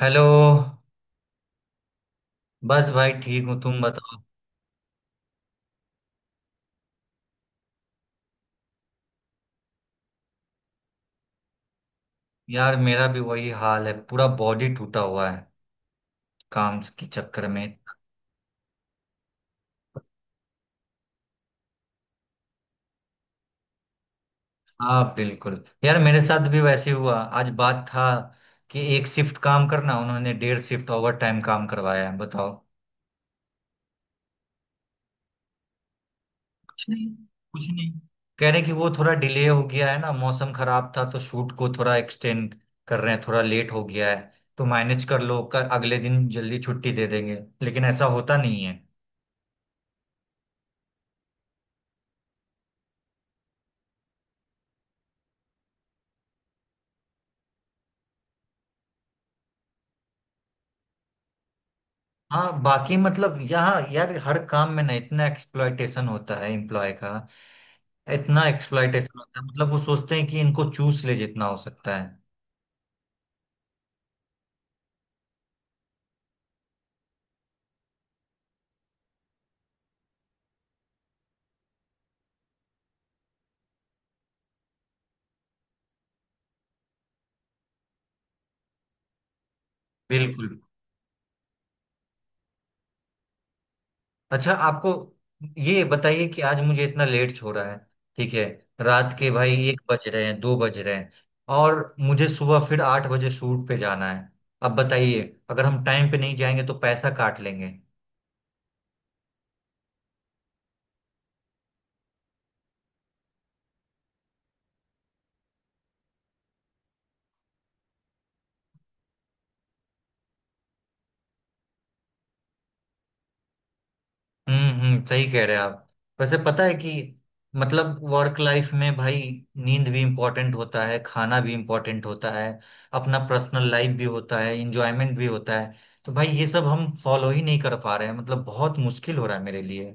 Hello. बस भाई ठीक हूँ, तुम बताओ। यार मेरा भी वही हाल है, पूरा बॉडी टूटा हुआ है काम के चक्कर में। हाँ बिल्कुल, यार मेरे साथ भी वैसे हुआ, आज बात था कि एक शिफ्ट काम करना, उन्होंने डेढ़ शिफ्ट ओवर टाइम काम करवाया है, बताओ। कुछ नहीं, कुछ नहीं। कह रहे कि वो थोड़ा डिले हो गया है ना, मौसम खराब था तो शूट को थोड़ा एक्सटेंड कर रहे हैं, थोड़ा लेट हो गया है, तो मैनेज कर लो, कर अगले दिन जल्दी छुट्टी दे देंगे, लेकिन ऐसा होता नहीं है। हाँ बाकी मतलब यहाँ यार हर काम में ना इतना एक्सप्लॉयटेशन होता है एम्प्लॉय का, इतना एक्सप्लॉयटेशन होता है, मतलब वो सोचते हैं कि इनको चूस ले जितना हो सकता है। बिल्कुल। अच्छा आपको ये बताइए कि आज मुझे इतना लेट छोड़ा है, ठीक है? रात के भाई एक बज रहे हैं, दो बज रहे हैं, और मुझे सुबह फिर आठ बजे शूट पे जाना है। अब बताइए, अगर हम टाइम पे नहीं जाएंगे तो पैसा काट लेंगे। हम्म, सही कह रहे हैं आप। वैसे पता है कि मतलब वर्क लाइफ में भाई नींद भी इम्पोर्टेंट होता है, खाना भी इम्पोर्टेंट होता है, अपना पर्सनल लाइफ भी होता है, इंजॉयमेंट भी होता है। तो भाई ये सब हम फॉलो ही नहीं कर पा रहे हैं, मतलब बहुत मुश्किल हो रहा है मेरे लिए।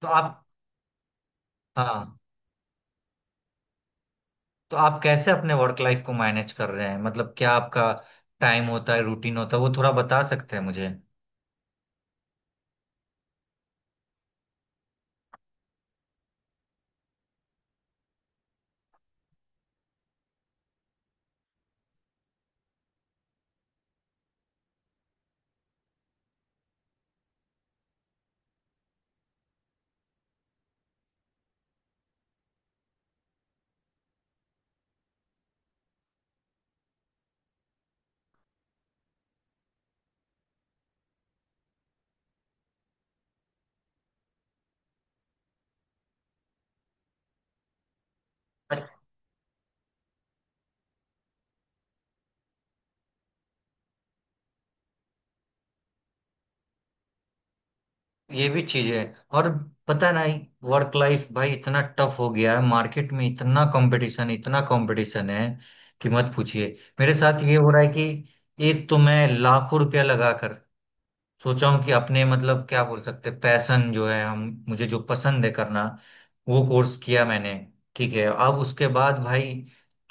तो आप हाँ, तो आप कैसे अपने वर्क लाइफ को मैनेज कर रहे हैं, मतलब क्या आपका टाइम होता है, रूटीन होता है, वो थोड़ा बता सकते हैं मुझे? ये भी चीज है। और पता नहीं, वर्क लाइफ भाई इतना टफ हो गया है, मार्केट में इतना कंपटीशन, इतना कंपटीशन है कि मत पूछिए। मेरे साथ ये हो रहा है कि एक तो मैं लाखों रुपया लगा कर सोचा हूँ कि अपने मतलब क्या बोल सकते हैं पैशन जो है हम, मुझे जो पसंद है करना, वो कोर्स किया मैंने, ठीक है। अब उसके बाद भाई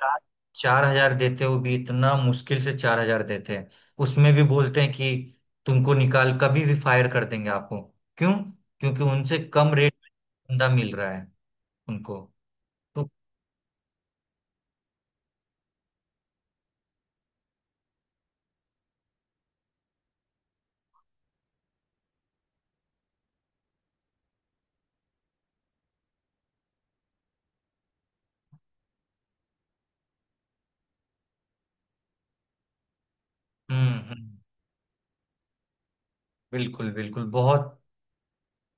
चार चार हजार देते हुए भी, इतना मुश्किल से चार हजार देते हैं, उसमें भी बोलते हैं कि तुमको निकाल कभी भी फायर कर देंगे आपको। क्यों? क्योंकि उनसे कम रेट में बंदा मिल रहा है उनको। तो हम्म, बिल्कुल बिल्कुल, बहुत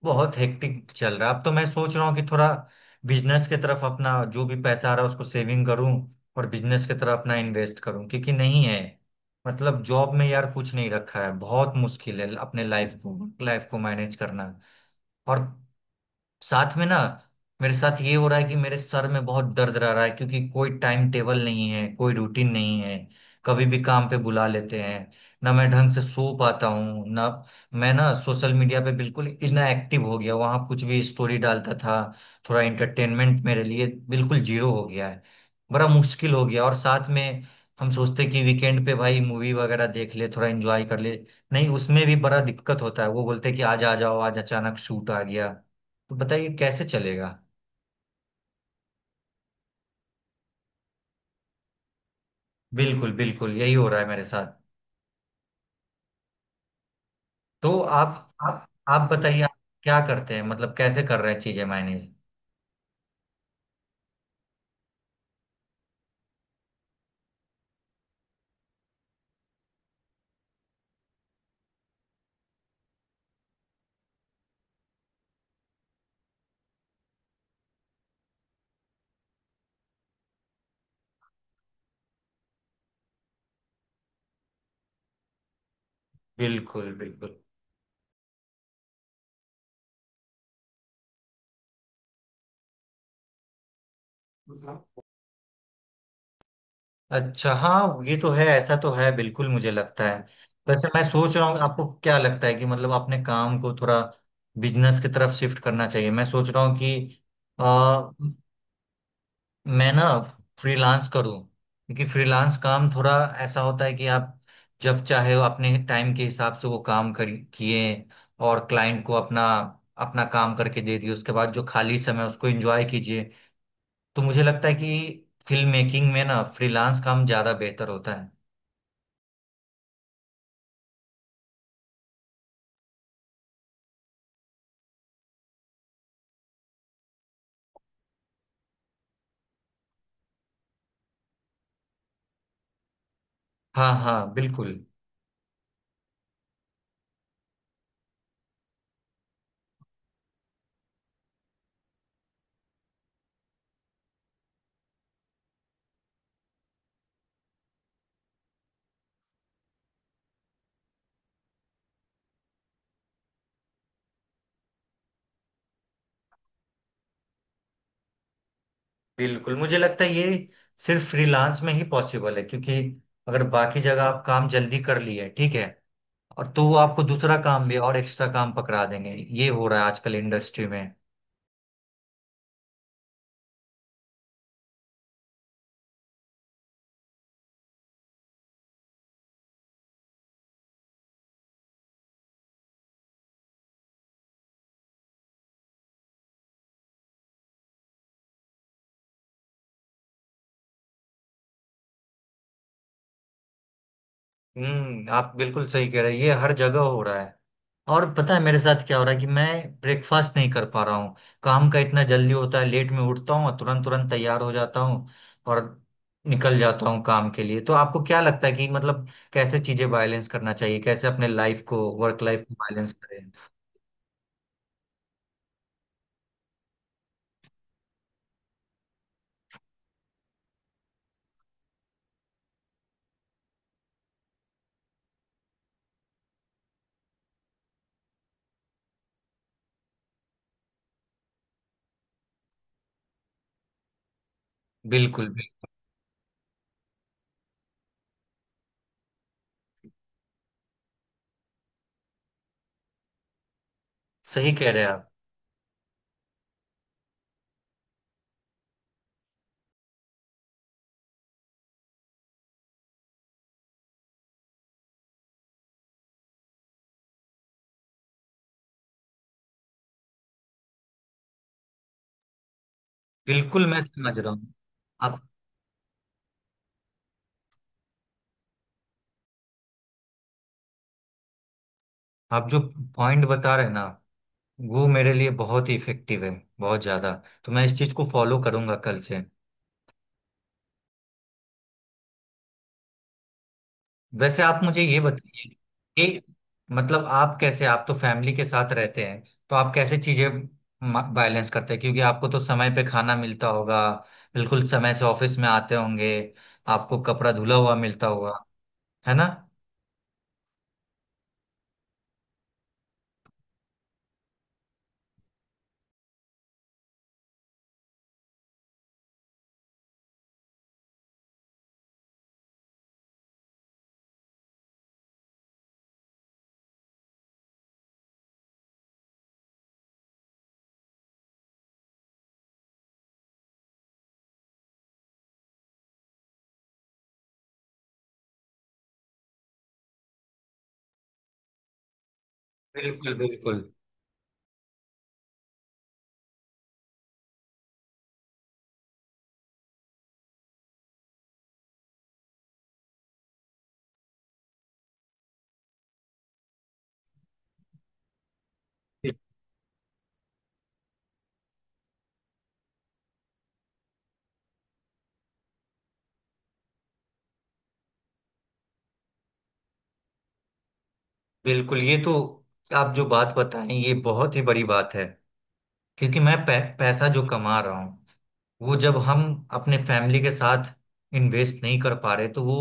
बहुत हेक्टिक चल रहा है। अब तो मैं सोच रहा हूँ कि थोड़ा बिजनेस की तरफ अपना जो भी पैसा आ रहा है उसको सेविंग करूँ, और बिजनेस की तरफ अपना इन्वेस्ट करूँ, क्योंकि नहीं है, मतलब जॉब में यार कुछ नहीं रखा है, बहुत मुश्किल है अपने लाइफ को मैनेज करना। और साथ में ना, मेरे साथ ये हो रहा है कि मेरे सर में बहुत दर्द रह रहा है, क्योंकि कोई टाइम टेबल नहीं है, कोई रूटीन नहीं है, कभी भी काम पे बुला लेते हैं, ना मैं ढंग से सो पाता हूँ, ना मैं, ना सोशल मीडिया पे बिल्कुल इनएक्टिव हो गया, वहाँ कुछ भी स्टोरी डालता था, थोड़ा एंटरटेनमेंट मेरे लिए बिल्कुल जीरो हो गया है, बड़ा मुश्किल हो गया। और साथ में हम सोचते कि वीकेंड पे भाई मूवी वगैरह देख ले, थोड़ा एंजॉय कर ले, नहीं उसमें भी बड़ा दिक्कत होता है, वो बोलते कि आज आ जाओ, आज अचानक शूट आ गया। तो बताइए कैसे चलेगा। बिल्कुल बिल्कुल, यही हो रहा है मेरे साथ। तो आप बताइए, आप क्या करते हैं, मतलब कैसे कर रहे हैं चीजें मैनेज। बिल्कुल बिल्कुल। अच्छा हाँ, ये तो है, ऐसा तो है बिल्कुल, मुझे लगता है। वैसे मैं सोच रहा हूँ, आपको क्या लगता है कि मतलब अपने काम को थोड़ा बिजनेस की तरफ शिफ्ट करना चाहिए, मैं सोच रहा हूँ कि मैं ना फ्रीलांस करूं, क्योंकि फ्रीलांस काम थोड़ा ऐसा होता है कि आप जब चाहे वो अपने टाइम के हिसाब से वो काम कर किए, और क्लाइंट को अपना अपना काम करके दे दिए, उसके बाद जो खाली समय उसको एंजॉय कीजिए। तो मुझे लगता है कि फिल्म मेकिंग में ना फ्रीलांस काम ज्यादा बेहतर होता है। हाँ हाँ। बिल्कुल बिल्कुल, मुझे लगता है ये सिर्फ फ्रीलांस में ही पॉसिबल है, क्योंकि अगर बाकी जगह आप काम जल्दी कर लिए, ठीक है, और तो वो आपको दूसरा काम भी और एक्स्ट्रा काम पकड़ा देंगे। ये हो रहा है आजकल इंडस्ट्री में। हम्म, आप बिल्कुल सही कह रहे हैं, ये हर जगह हो रहा है। और पता है मेरे साथ क्या हो रहा है कि मैं ब्रेकफास्ट नहीं कर पा रहा हूँ, काम का इतना जल्दी होता है, लेट में उठता हूँ और तुरंत तुरंत तैयार हो जाता हूँ और निकल जाता हूँ काम के लिए। तो आपको क्या लगता है कि मतलब कैसे चीजें बैलेंस करना चाहिए, कैसे अपने लाइफ को वर्क लाइफ को बैलेंस करें? बिल्कुल बिल्कुल, सही कह रहे हैं आप, बिल्कुल मैं समझ रहा हूँ। आप आप जो पॉइंट बता रहे हैं ना, वो मेरे लिए बहुत ही इफेक्टिव है, बहुत ज्यादा। तो मैं इस चीज को फॉलो करूंगा कल से। वैसे आप मुझे ये बताइए कि मतलब आप कैसे, आप तो फैमिली के साथ रहते हैं, तो आप कैसे चीजें बैलेंस करते हैं? क्योंकि आपको तो समय पे खाना मिलता होगा, बिल्कुल समय से ऑफिस में आते होंगे, आपको कपड़ा धुला हुआ मिलता होगा, है ना? बिल्कुल बिल्कुल। बिल्कुल ये तो, आप जो बात बताएं, ये बहुत ही बड़ी बात है, क्योंकि मैं पैसा जो कमा रहा हूँ, वो जब हम अपने फैमिली के साथ इन्वेस्ट नहीं कर पा रहे, तो वो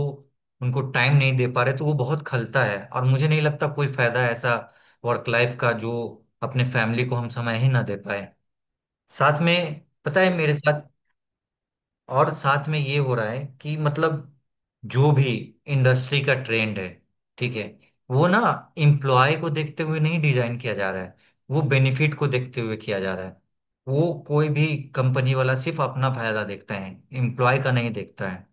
उनको टाइम नहीं दे पा रहे, तो वो बहुत खलता है, और मुझे नहीं लगता कोई फायदा है ऐसा वर्क लाइफ का, जो अपने फैमिली को हम समय ही ना दे पाए साथ में। पता है मेरे साथ, और साथ में ये हो रहा है कि मतलब जो भी इंडस्ट्री का ट्रेंड है, ठीक है, वो ना एम्प्लॉय को देखते हुए नहीं डिजाइन किया जा रहा है, वो बेनिफिट को देखते हुए किया जा रहा है। वो कोई भी कंपनी वाला सिर्फ अपना फायदा देखता है, एम्प्लॉय का नहीं देखता है।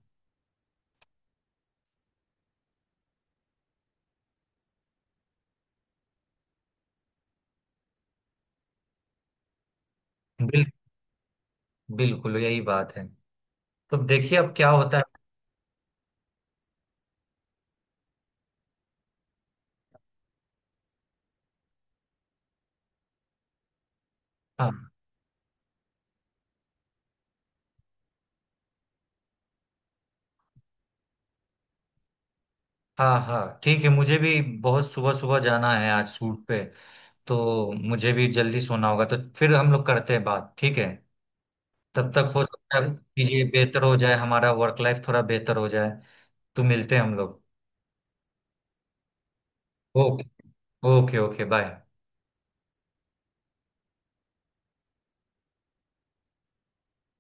बिल, बिल्कुल यही बात है। तो देखिए अब क्या होता है। हाँ हाँ हाँ, ठीक है, मुझे भी बहुत सुबह सुबह जाना है आज शूट पे, तो मुझे भी जल्दी सोना होगा। तो फिर हम लोग करते हैं बात, ठीक है। तब तक हो सकता है चीजें बेहतर हो जाए, हमारा वर्क लाइफ थोड़ा बेहतर हो जाए। तो मिलते हैं हम लोग। Okay, okay okay, bye.